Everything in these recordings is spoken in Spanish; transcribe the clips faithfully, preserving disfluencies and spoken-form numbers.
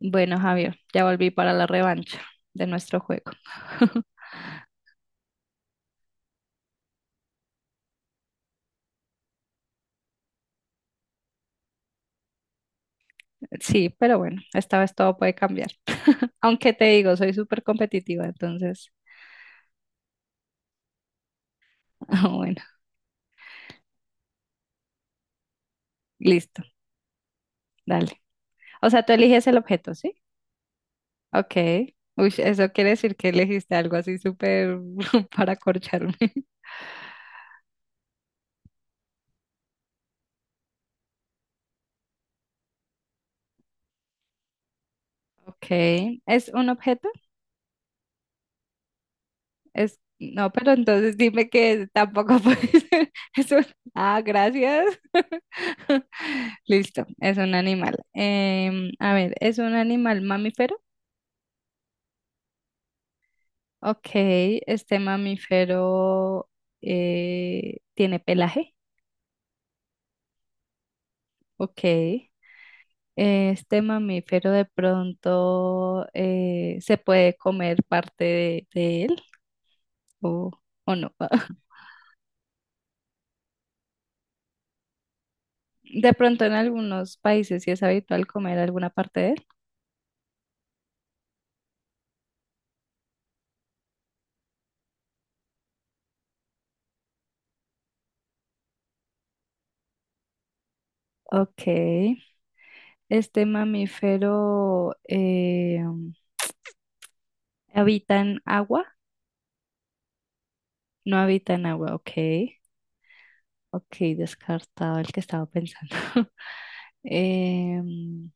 Bueno, Javier, ya volví para la revancha de nuestro juego. Sí, pero bueno, esta vez todo puede cambiar. Aunque te digo, soy súper competitiva, entonces, ah, bueno, listo, dale. O sea, tú eliges el objeto, ¿sí? Ok. Uy, eso quiere decir que elegiste algo así súper para corcharme. Ok. ¿Es un objeto? Es, no, pero entonces dime que tampoco puede ser. Es un- ah, gracias. Listo, es un animal. Em, a ver, ¿es un animal mamífero? Ok, este mamífero eh, tiene pelaje. Ok. Este mamífero de pronto eh, se puede comer parte de, de él o, o no. De pronto en algunos países sí es habitual comer alguna parte de él. Ok. Este mamífero eh, habita en agua. No habita en agua, ok. Ok, descartado el que estaba pensando. Em,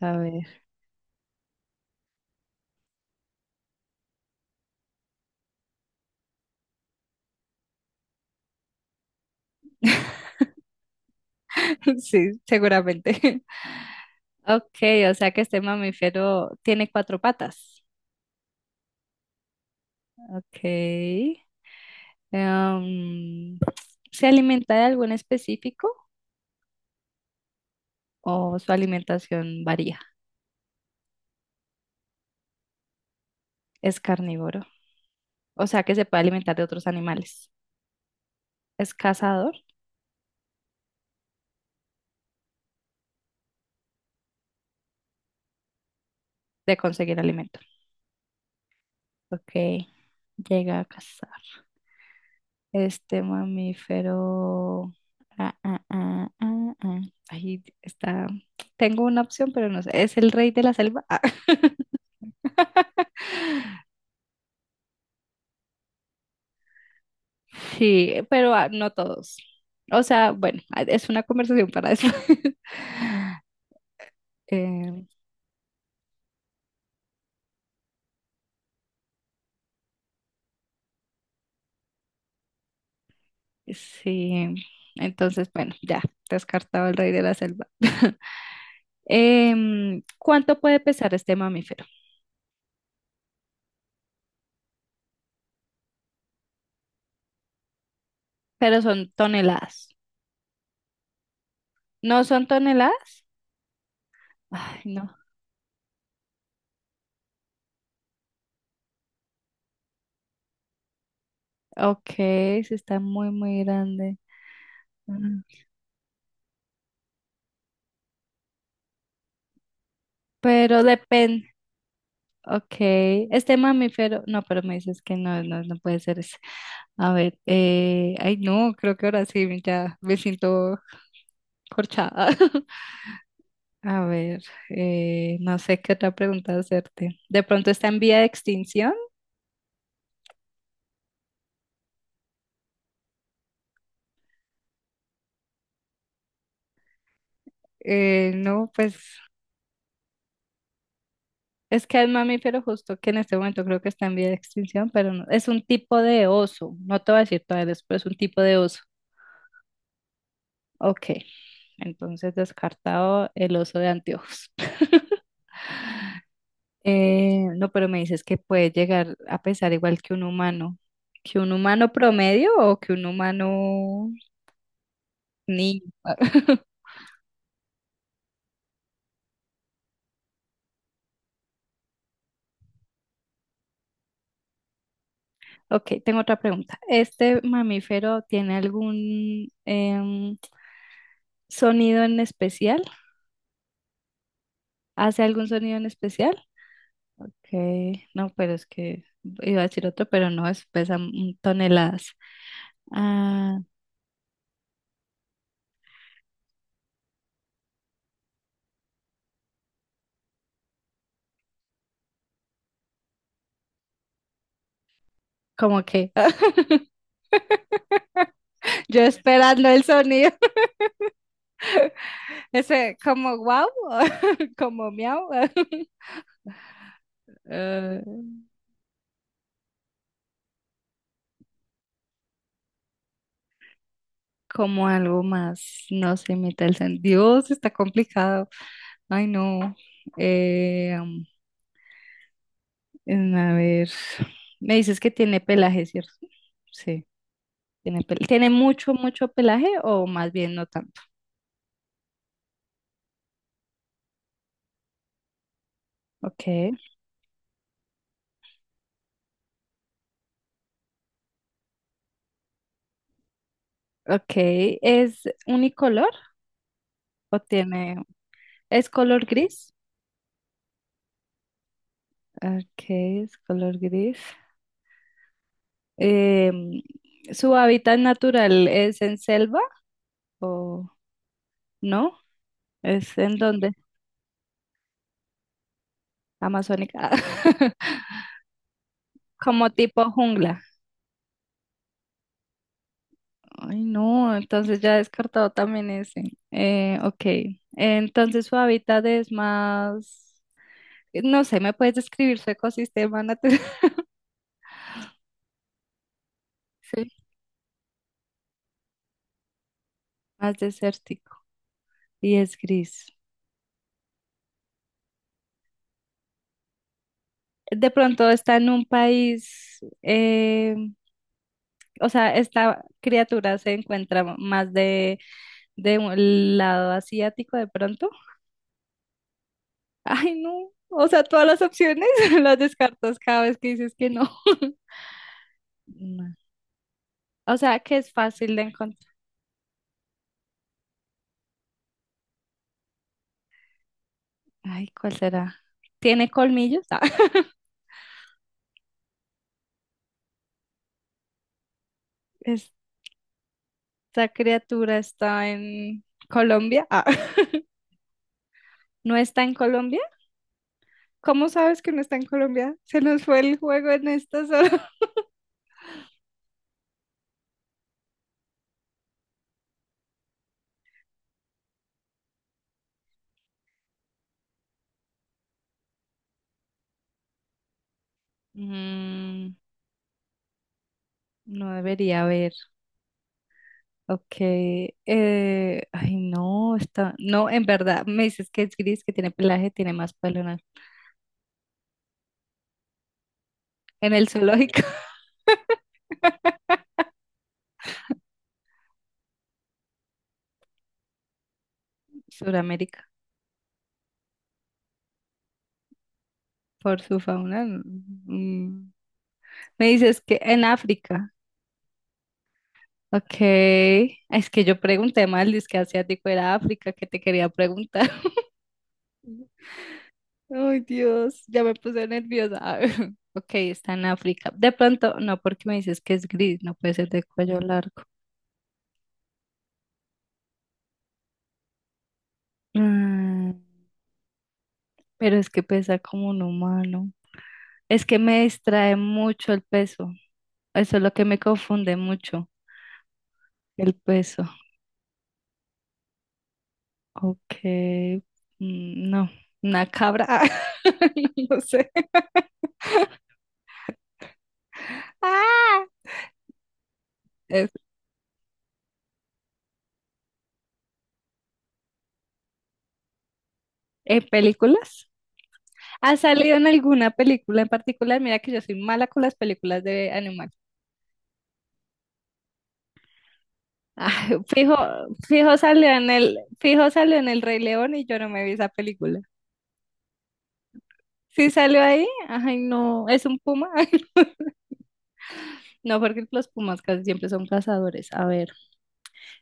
a ver. Sí, seguramente. Ok, o sea que este mamífero tiene cuatro patas. Ok. Em, ¿Se alimenta de algún específico o su alimentación varía? Es carnívoro. O sea que se puede alimentar de otros animales. Es cazador. De conseguir alimento. Ok, llega a cazar. Este mamífero. Ah, ah, ah, ah, ah. Ahí está. Tengo una opción, pero no sé. ¿Es el rey de la selva? Ah, sí, pero ah, no todos. O sea, bueno, ah, es una conversación para eso. Em, sí, entonces, bueno, ya, descartado el rey de la selva. Em, ¿cuánto puede pesar este mamífero? Pero son toneladas. ¿No son toneladas? Ay, no. Ok, sí está muy, muy grande. Mm. Pero depende. Ok, este mamífero. No, pero me dices que no, no, no puede ser ese. A ver, eh, ay, no, creo que ahora sí, ya me siento corchada. A ver, eh, no sé qué otra pregunta hacerte. ¿De pronto está en vía de extinción? Eh, no, pues es que el mamífero justo que en este momento creo que está en vía de extinción, pero no, es un tipo de oso. No te voy a decir todavía después, es un tipo de oso. Ok, entonces descartado el oso de anteojos. Eh, no, pero me dices que puede llegar a pesar igual que un humano. ¿Que un humano promedio o que un humano niño? Ok, tengo otra pregunta. ¿Este mamífero tiene algún em, sonido en especial? ¿Hace algún sonido en especial? Ok, no, pero es que iba a decir otro, pero no, es pesa mm, toneladas. Ah, como que yo esperando el sonido. Ese como wow, como miau, eh, como algo más, no se imita el sentido. Dios, está complicado. Ay, no. Eh, mm, a ver, me dices que tiene pelaje, ¿cierto? Sí, tiene pel- ¿tiene mucho, mucho pelaje o más bien no tanto? Ok, ok. ¿Es unicolor o tiene, es color gris? Ok, es color gris. Em, ¿su hábitat natural es en selva o no? ¿Es en dónde? Amazónica. Como tipo jungla. Ay, no, entonces ya he descartado también ese. Eh, ok, entonces su hábitat es más, no sé, ¿me puedes describir su ecosistema natural? Sí. Más desértico y es gris. De pronto está en un país, eh, o sea, esta criatura se encuentra más de del lado asiático de pronto. Ay, no. O sea, todas las opciones las descartas cada vez que dices que no. No. O sea, que es fácil de encontrar. Ay, ¿cuál será? ¿Tiene colmillos? Ah, esta criatura está en Colombia. Ah, ¿no está en Colombia? ¿Cómo sabes que no está en Colombia? Se nos fue el juego en esta zona. Mm, no debería haber. Ok, eh, ay no, está, no, en verdad, me dices que es gris, que tiene pelaje, tiene más pelo en el, en el zoológico, Suramérica, por su fauna. Mm. Me dices que en África, ok, es que yo pregunté mal, dice que asiático era África, que te quería preguntar. Ay Dios, ya me puse nerviosa. Ok, está en África. De pronto, no, porque me dices que es gris, no puede ser de cuello largo. Mm, pero es que pesa como un humano. Es que me distrae mucho el peso. Eso es lo que me confunde mucho, el peso. Ok, mm, no, una cabra. No sé. Ah, es- ¿en películas? ¿Ha salido en alguna película en particular? Mira que yo soy mala con las películas de animales. Ay, fijo, fijo salió en el, fijo salió en el Rey León y yo no me vi esa película. Sí salió ahí. Ay, no, es un puma. No, porque los pumas casi siempre son cazadores. A ver,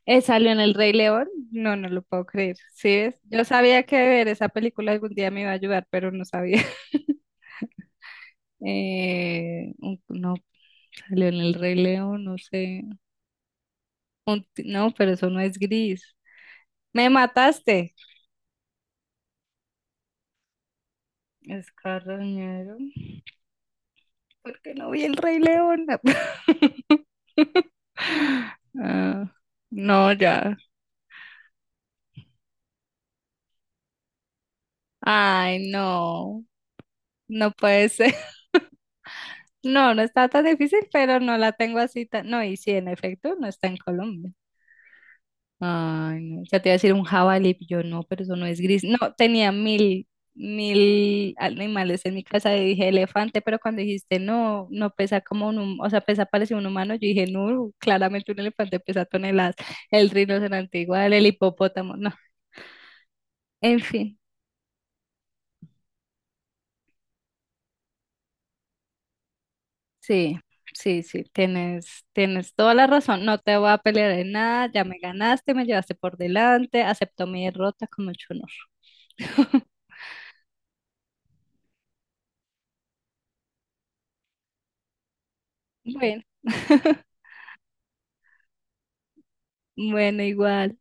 eh, salió en El Rey León. No, no lo puedo creer. ¿Sí ves? Yo sabía que ver esa película algún día me iba a ayudar, pero no sabía. Eh, un- no, salió en El Rey León, no sé. Un ti- no, pero eso no es gris. Me mataste. Es carroñero. ¿Por qué no vi El Rey León? Ah, no, ya. Ay, no. No puede ser. No, no está tan difícil, pero no la tengo así tan... No, y sí, en efecto, no está en Colombia. Ay, no. Ya te iba a decir un jabalí, pero yo no, pero eso no es gris. No, tenía mil, mil animales en mi casa y dije elefante, pero cuando dijiste no, no pesa como un, hum- o sea, pesa parecido a un humano, yo dije no, claramente un elefante pesa toneladas. El rinoceronte igual, el hipopótamo, no. En fin. Sí, sí, sí, tienes, tienes toda la razón. No te voy a pelear en nada, ya me ganaste, me llevaste por delante, acepto mi derrota con mucho honor. Bueno, bueno, igual.